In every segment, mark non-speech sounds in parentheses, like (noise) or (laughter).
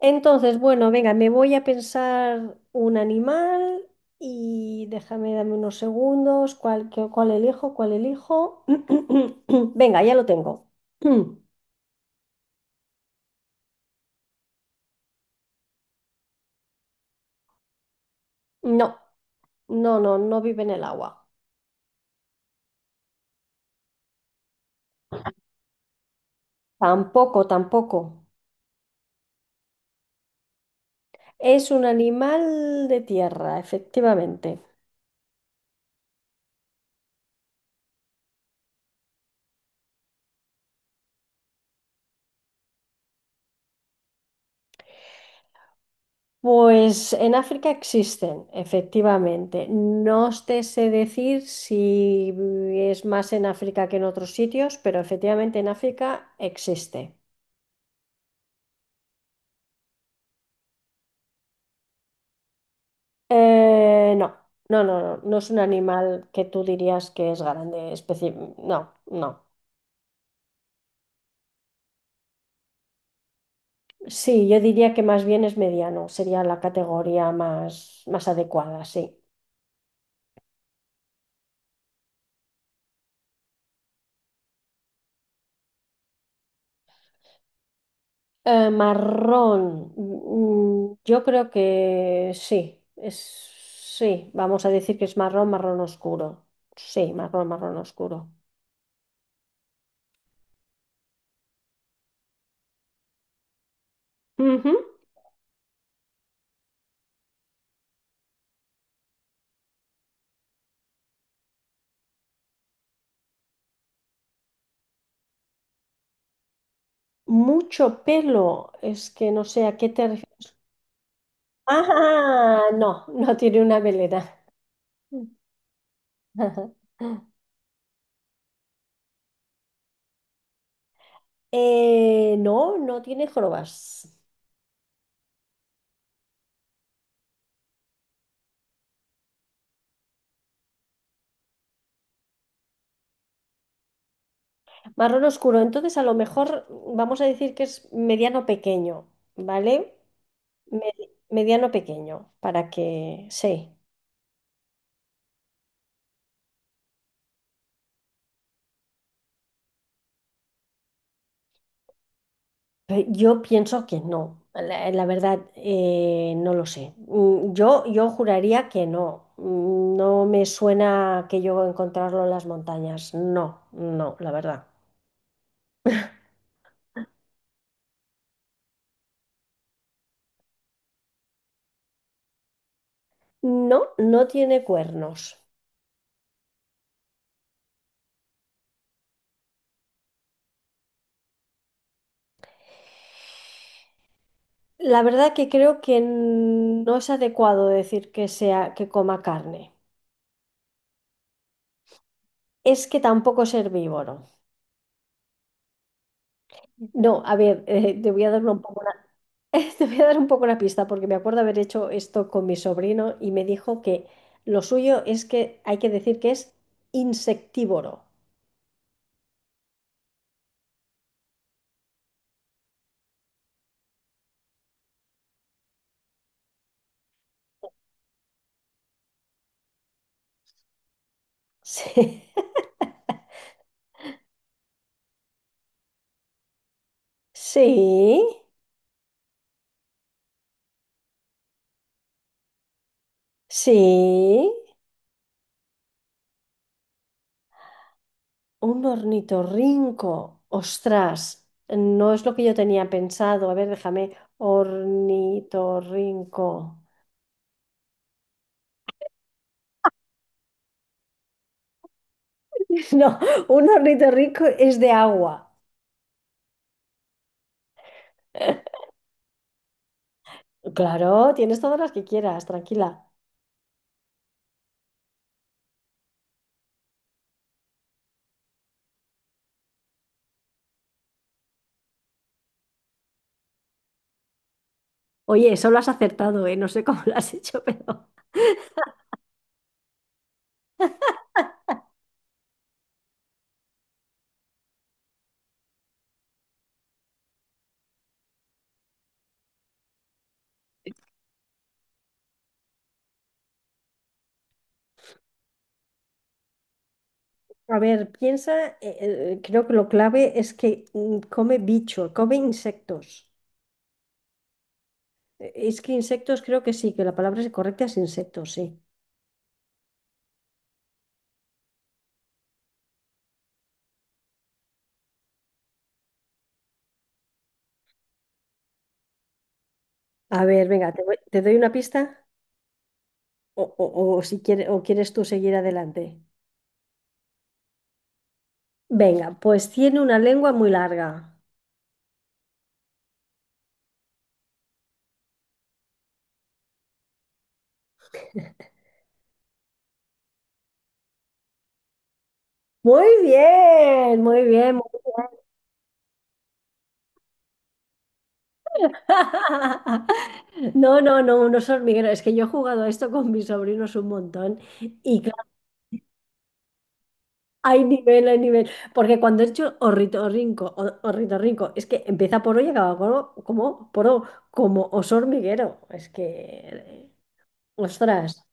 Entonces, bueno, venga, me voy a pensar un animal y déjame, dame unos segundos. ¿Cuál, cuál elijo? ¿Cuál elijo? (clears throat) Venga, ya lo tengo. (clears throat) No, no, no, vive en el agua. Tampoco, tampoco. Es un animal de tierra, efectivamente. Pues en África existen, efectivamente. No te sé decir si es más en África que en otros sitios, pero efectivamente en África existe. Eh, no, no, no es un animal que tú dirías que es grande, no, no. Sí, yo diría que más bien es mediano, sería la categoría más, más adecuada, sí. Marrón. Yo creo que sí. Es, sí, vamos a decir que es marrón, marrón oscuro. Sí, marrón, marrón oscuro. Ujú. Mucho pelo. Es que no sé a qué te refieres. Ah, no, no tiene una melena. (laughs) No, no tiene jorobas. Marrón oscuro. Entonces, a lo mejor vamos a decir que es mediano pequeño, ¿vale? Mediano pequeño, para que sí. Pero yo pienso que no. La verdad, no lo sé. Yo juraría que no. No me suena que yo encontrarlo en las montañas. No, no, la verdad. No, no tiene cuernos. La verdad que creo que no es adecuado decir que sea que coma carne. Es que tampoco es herbívoro. No, a ver, te voy a dar una- un poco una, (laughs) te voy a dar un poco una pista porque me acuerdo haber hecho esto con mi sobrino y me dijo que lo suyo es que hay que decir que es insectívoro. Sí, (laughs) sí, sí, un ornitorrinco. Ostras, no es lo que yo tenía pensado. A ver, déjame, ornitorrinco. (laughs) No, un ornitorrinco es de agua. (laughs) Claro, tienes todas las que quieras, tranquila. Oye, eso lo has acertado, ¿eh? No sé cómo lo has hecho, (laughs) pero... A ver, piensa, creo que lo clave es que come bicho, come insectos. Es que insectos creo que sí, que la palabra es correcta es insectos, sí. A ver, venga, te doy una pista o, o si quieres, o quieres tú seguir adelante. Venga, pues tiene una lengua muy larga. Muy bien, muy bien. (laughs) No, unos hormigueros. Es que yo he jugado a esto con mis sobrinos un montón. Y. Hay nivel, hay nivel. Porque cuando he hecho ornitorrinco, ornitorrinco, es que empieza por O y acaba por O, como oso hormiguero. Es que, ostras.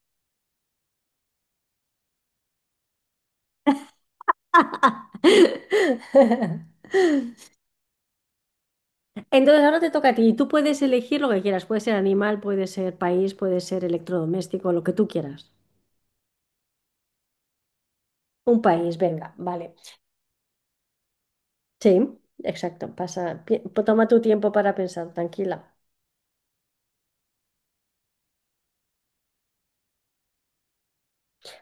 (laughs) Entonces ahora te toca a ti y tú puedes elegir lo que quieras. Puede ser animal, puede ser país, puede ser electrodoméstico, lo que tú quieras. Un país, venga, vale. Sí, exacto. Toma tu tiempo para pensar, tranquila.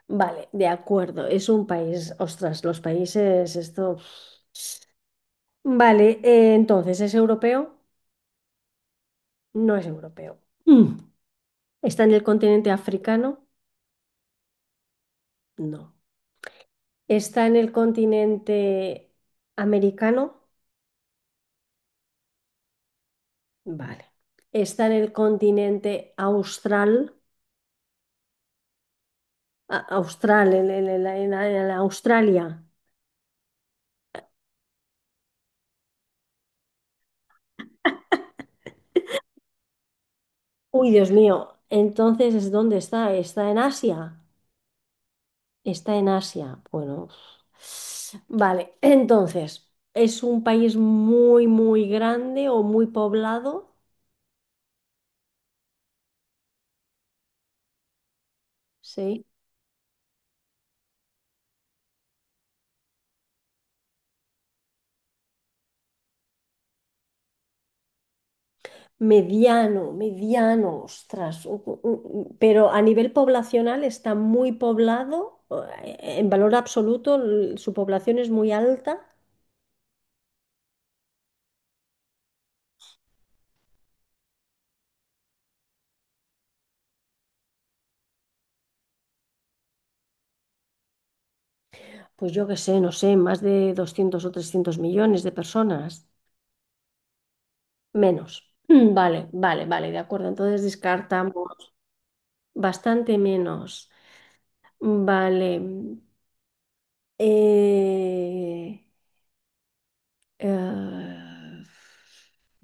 Vale, de acuerdo. Es un país, ostras, los países, esto. Vale, entonces, ¿es europeo? No es europeo. Mm. ¿Está en el continente africano? No. ¿Está en el continente americano? Vale. ¿Está en el continente austral? Austral, en Australia. Uy, Dios mío. Entonces, ¿es dónde está? ¿Está en Asia? Está en Asia. Bueno. Vale, entonces, ¿es un país muy, muy grande o muy poblado? Sí, mediano, mediano, ostras, pero a nivel poblacional está muy poblado, en valor absoluto su población es muy alta, pues yo qué sé, no sé, más de 200 o 300 millones de personas, menos. (clears throat) Vale, vale, vale, de acuerdo, entonces descartamos bastante menos. Vale. eh, eh,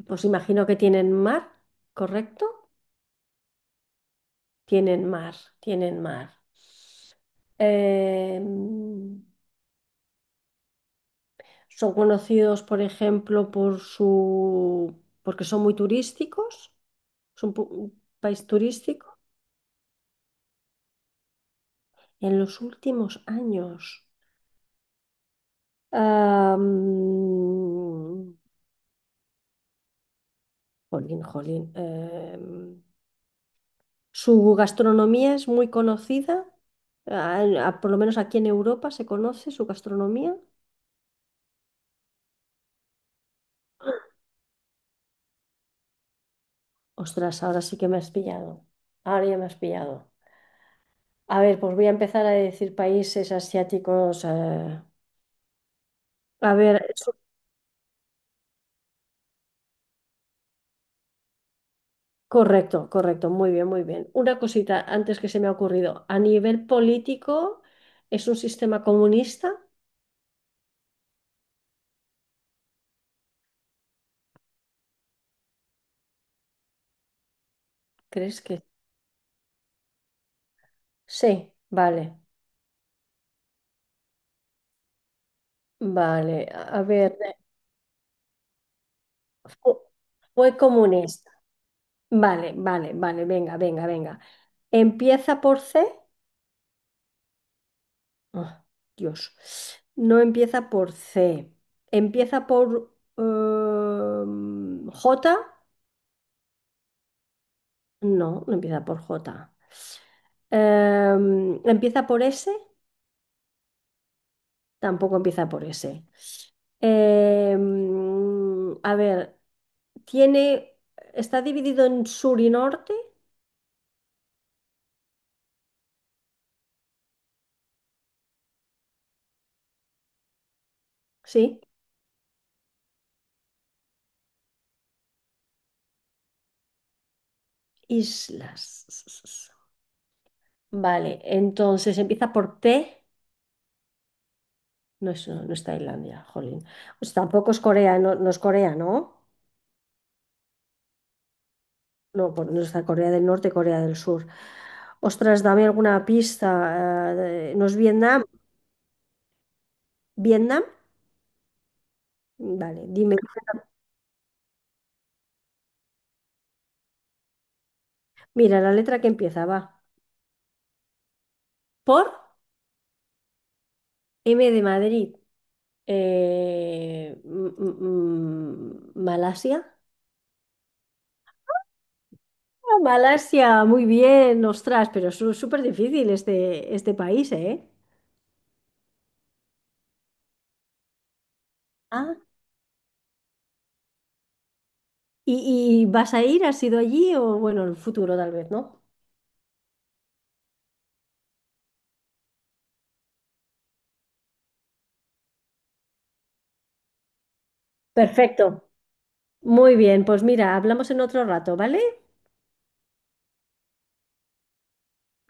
pues imagino que tienen mar, ¿correcto? Tienen mar, tienen mar. Em, son conocidos, por ejemplo, por su, porque son muy turísticos, es un, un país turístico. En los últimos años, am, jolín, jolín, su gastronomía es muy conocida, por lo menos aquí en Europa se conoce su gastronomía. Ostras, ahora sí que me has pillado, ahora ya me has pillado. A ver, pues voy a empezar a decir países asiáticos. A ver, eso- correcto, correcto, muy bien, muy bien. Una cosita antes que se me ha ocurrido. A nivel político, ¿es un sistema comunista? ¿Crees que? Sí, vale, vale. A ver, fu- fue comunista. Vale, vale, vale, venga, venga, venga. ¿Empieza por C? Ah, Dios, no empieza por C. Empieza por... J. No, no empieza por J. ¿Empieza por S? Tampoco empieza por S. A ver, tiene, está dividido en sur y norte, ¿sí? Islas. Vale, entonces empieza por T. No es, no es Tailandia, jolín. Pues tampoco es Corea, no, no es Corea, ¿no? No, pues no está Corea del Norte, Corea del Sur. Ostras, dame alguna pista. ¿No es Vietnam? ¿Vietnam? Vale, dime. Mira, la letra que empieza va. Por M de Madrid. Malasia. Ah, Malasia, muy bien, ostras, pero es súper difícil este, este país, ¿eh? Ah, y vas a ir? ¿Has ido allí? O bueno, en el futuro tal vez, ¿no? Perfecto. Muy bien, pues mira, hablamos en otro rato, ¿vale?